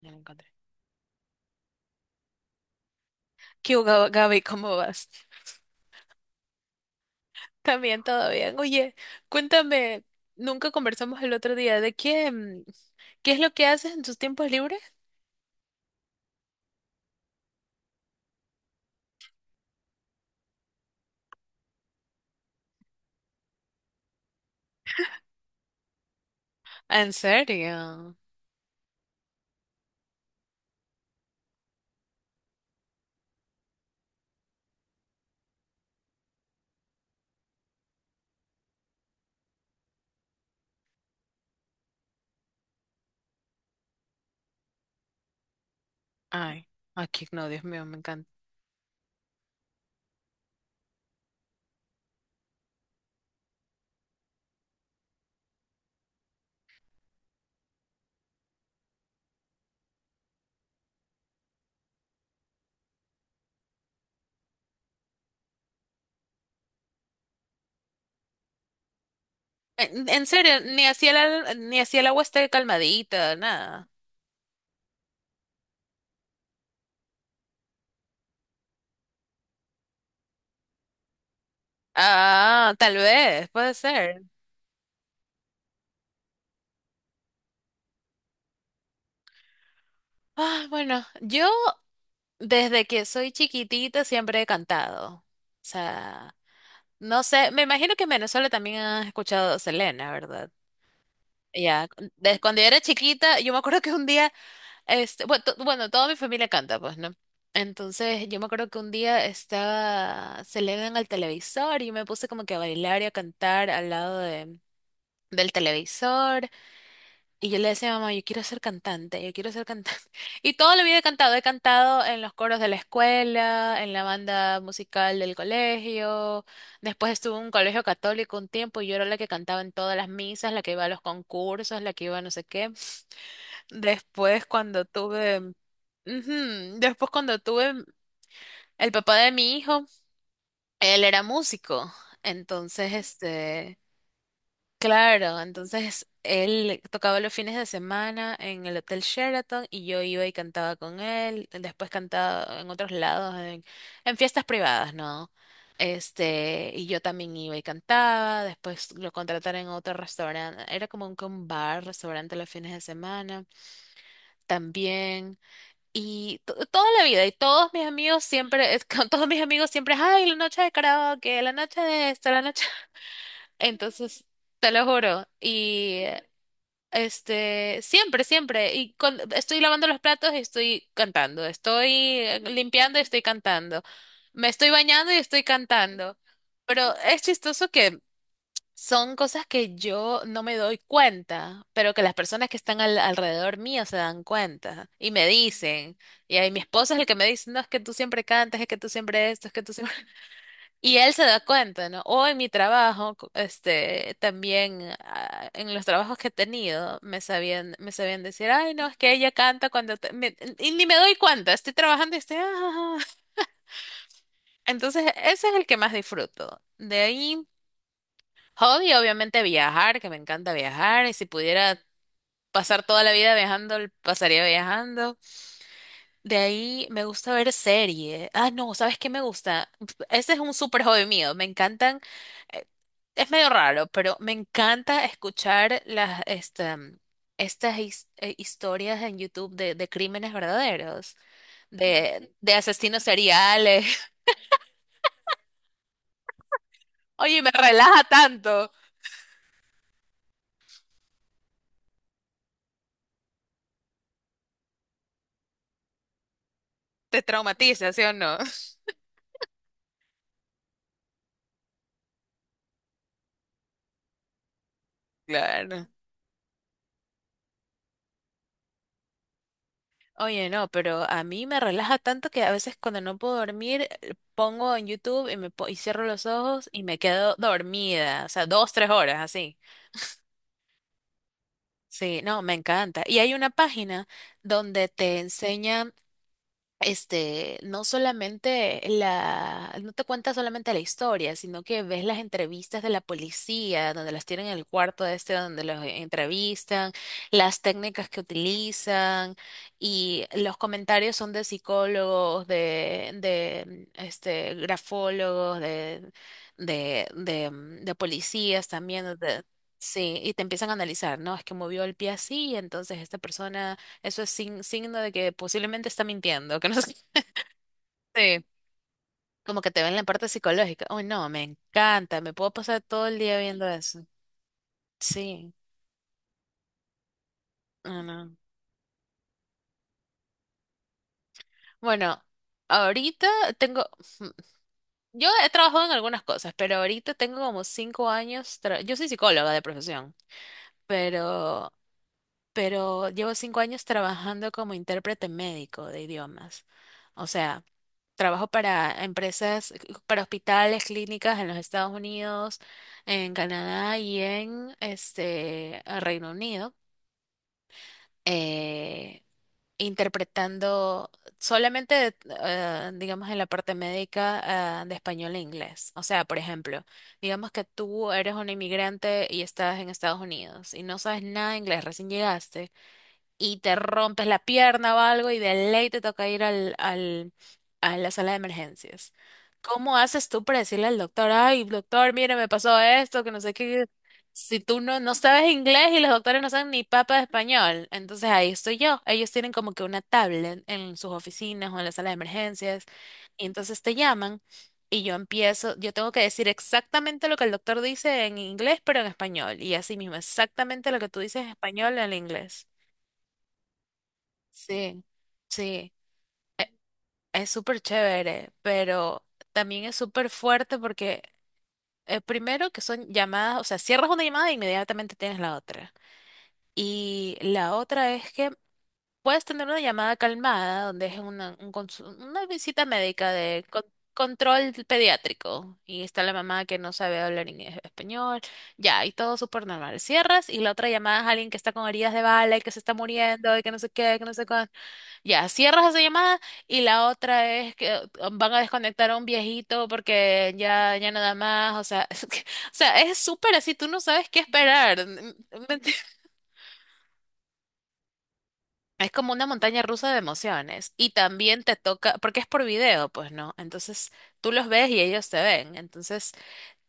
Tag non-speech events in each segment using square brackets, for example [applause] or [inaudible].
Ya lo encontré. ¿Qué hubo, Gaby? ¿Cómo vas? También todo bien. Oye, cuéntame, nunca conversamos el otro día de qué, qué es lo que haces en tus tiempos libres. ¿En serio? Ay, aquí no, Dios mío, me encanta. En serio, ni hacía el agua esté calmadita, nada. Ah, tal vez, puede ser. Ah, bueno, yo desde que soy chiquitita siempre he cantado. O sea, no sé, me imagino que en Venezuela también has escuchado Selena, ¿verdad? Ya, desde cuando yo era chiquita, yo me acuerdo que un día, bueno, toda mi familia canta, pues, ¿no? Entonces, yo me acuerdo que un día estaba Selena en el televisor y me puse como que a bailar y a cantar al lado del televisor. Y yo le decía, mamá, yo quiero ser cantante, yo quiero ser cantante. [laughs] Y toda la vida he cantado en los coros de la escuela, en la banda musical del colegio. Después estuve en un colegio católico un tiempo y yo era la que cantaba en todas las misas, la que iba a los concursos, la que iba a no sé qué. Después cuando tuve, ujú. Después cuando tuve el papá de mi hijo, él era músico. Entonces, este... Claro, entonces él tocaba los fines de semana en el Hotel Sheraton y yo iba y cantaba con él, después cantaba en otros lados, en fiestas privadas, ¿no? Este, y yo también iba y cantaba, después lo contrataron en otro restaurante, era como un, que un bar, restaurante los fines de semana, también, y toda la vida, y todos mis amigos siempre, [laughs] con todos mis amigos siempre, ay, la noche de karaoke, la noche de esto, la noche... [laughs] Entonces... Te lo juro. Y este, siempre, siempre. Estoy lavando los platos y estoy cantando. Estoy limpiando y estoy cantando. Me estoy bañando y estoy cantando. Pero es chistoso que son cosas que yo no me doy cuenta, pero que las personas que están alrededor mío se dan cuenta y me dicen. Y ahí mi esposo es el que me dice, no, es que tú siempre cantas, es que tú siempre esto, es que tú siempre... Y él se da cuenta, ¿no? O en mi trabajo, este, también ah, en los trabajos que he tenido, me sabían decir, ay, no, es que ella canta cuando... te-". Me- y ni me doy cuenta, estoy trabajando y estoy... "Ah, ja, ja". [laughs] Entonces, ese es el que más disfruto. De ahí, hobby, obviamente viajar, que me encanta viajar, y si pudiera pasar toda la vida viajando, pasaría viajando. De ahí me gusta ver serie. Ah, no, ¿sabes qué me gusta? Ese es un súper hobby mío. Me encantan. eh, Es medio raro, pero me encanta escuchar estas historias en YouTube de crímenes verdaderos, de asesinos seriales. [laughs] Oye, me relaja tanto. Te traumatiza, ¿sí o no? [laughs] Claro. Oye, no, pero a mí me relaja tanto que a veces cuando no puedo dormir, pongo en YouTube y cierro los ojos y me quedo dormida, o sea, dos, tres horas así. Sí, no, me encanta. Y hay una página donde te enseñan este, no solamente la, no te cuenta solamente la historia, sino que ves las entrevistas de la policía, donde las tienen en el cuarto este, donde los entrevistan, las técnicas que utilizan y los comentarios son de psicólogos, este, grafólogos, de policías también, donde... Sí, y te empiezan a analizar, ¿no? Es que movió el pie así, entonces esta persona eso es signo de que posiblemente está mintiendo, que no sé. Sí. Como que te ven la parte psicológica. Uy, no, me encanta, me puedo pasar todo el día viendo eso. Sí, no, no. Bueno, ahorita tengo, [laughs] yo he trabajado en algunas cosas, pero ahorita tengo como cinco años, yo soy psicóloga de profesión, pero llevo cinco años trabajando como intérprete médico de idiomas. O sea, trabajo para empresas, para hospitales, clínicas en los Estados Unidos, en Canadá y en este Reino Unido, eh, interpretando solamente, digamos, en la parte médica, de español e inglés. O sea, por ejemplo, digamos que tú eres un inmigrante y estás en Estados Unidos y no sabes nada de inglés, recién llegaste y te rompes la pierna o algo y de ley te toca ir a la sala de emergencias. ¿Cómo haces tú para decirle al doctor, ay, doctor, mire, me pasó esto, que no sé qué? Si tú no sabes inglés y los doctores no saben ni papa de español, entonces ahí estoy yo. Ellos tienen como que una tablet en sus oficinas o en la sala de emergencias y entonces te llaman y yo empiezo, yo tengo que decir exactamente lo que el doctor dice en inglés, pero en español y así mismo, exactamente lo que tú dices en español en inglés. Sí, sí, es súper chévere, pero también es súper fuerte porque primero que son llamadas, o sea, cierras una llamada e inmediatamente tienes la otra. Y la otra es que puedes tener una llamada calmada, donde es una visita médica de control pediátrico y está la mamá que no sabe hablar en español, ya, y todo súper normal. Cierras y la otra llamada es alguien que está con heridas de bala y que se está muriendo y que no sé qué, que no sé qué. Ya, cierras esa llamada y la otra es que van a desconectar a un viejito porque ya, ya nada más, o sea, [laughs] o sea, es súper así, tú no sabes qué esperar. N- n- [laughs] Es como una montaña rusa de emociones y también te toca, porque es por video, pues, ¿no? Entonces tú los ves y ellos te ven, entonces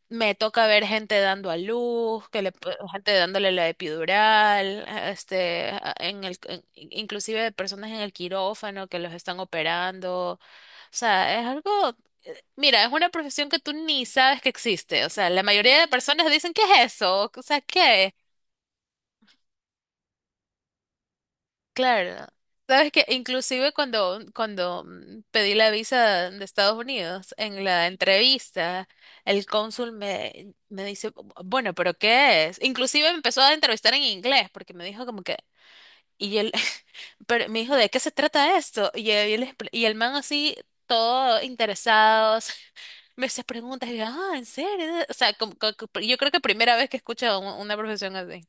me toca ver gente dando a luz, gente dándole la epidural, este, inclusive de personas en el quirófano que los están operando. O sea, es algo, mira, es una profesión que tú ni sabes que existe. O sea, la mayoría de personas dicen, ¿qué es eso? O sea, ¿qué? Claro. Sabes que inclusive cuando pedí la visa de Estados Unidos, en la entrevista, el cónsul me dice, bueno, pero ¿qué es?" Inclusive me empezó a entrevistar en inglés porque me dijo como que, y él, [laughs] pero me dijo, ¿de qué se trata esto? Y el man así, todo interesados, [laughs] me hace preguntas y yo, ah, ¿en serio? O sea, yo creo que primera vez que escucho a una profesión así.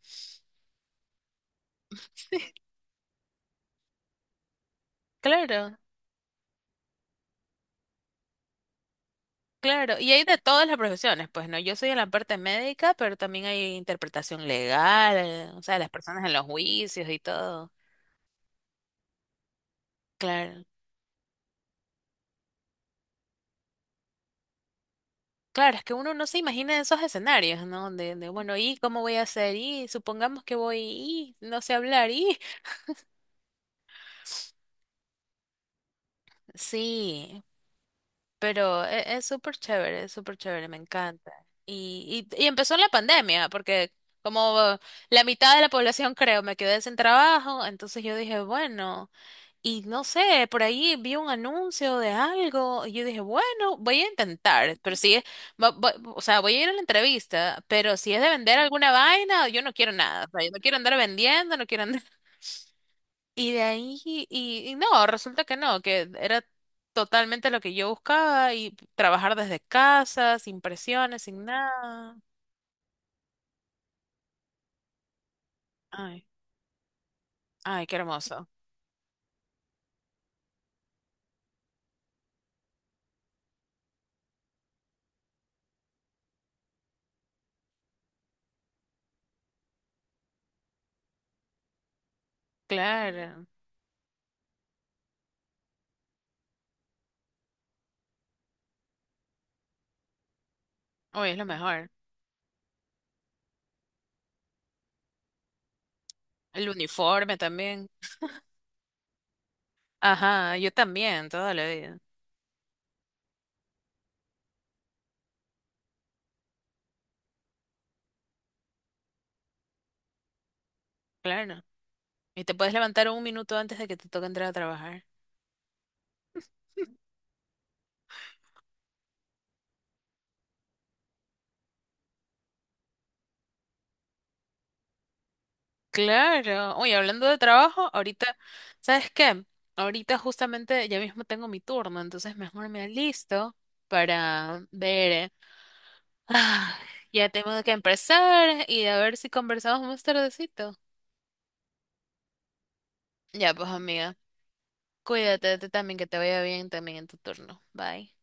Claro. Claro, y hay de todas las profesiones, pues no, yo soy en la parte médica, pero también hay interpretación legal, o sea, las personas en los juicios y todo. Claro, claro, es que uno no se imagina esos escenarios, ¿no? De bueno, ¿y cómo voy a hacer? Y supongamos que voy, y no sé hablar, y [laughs] sí, pero es súper chévere, me encanta. Y empezó en la pandemia, porque como la mitad de la población, creo, me quedé sin trabajo, entonces yo dije, bueno. Y no sé, por ahí vi un anuncio de algo y yo dije, bueno, voy a intentar, pero si es, o sea, voy a ir a la entrevista, pero si es de vender alguna vaina, yo no quiero nada, o sea, yo no quiero andar vendiendo, no quiero andar... [laughs] Y de ahí, no, resulta que no, que era totalmente lo que yo buscaba y trabajar desde casa, sin presiones, sin nada. Ay, ay, qué hermoso. Claro. Hoy es lo mejor. El uniforme también. Ajá, yo también, toda la vida. Claro. Y te puedes levantar un minuto antes de que te toque entrar a trabajar. Claro. Oye, hablando de trabajo, ahorita, ¿sabes qué? Ahorita justamente ya mismo tengo mi turno, entonces mejor me alisto para ver. Eh, ah, ya tengo que empezar y a ver si conversamos más tardecito. Ya, pues amiga, cuídate tú también, que te vaya bien también en tu turno. Bye.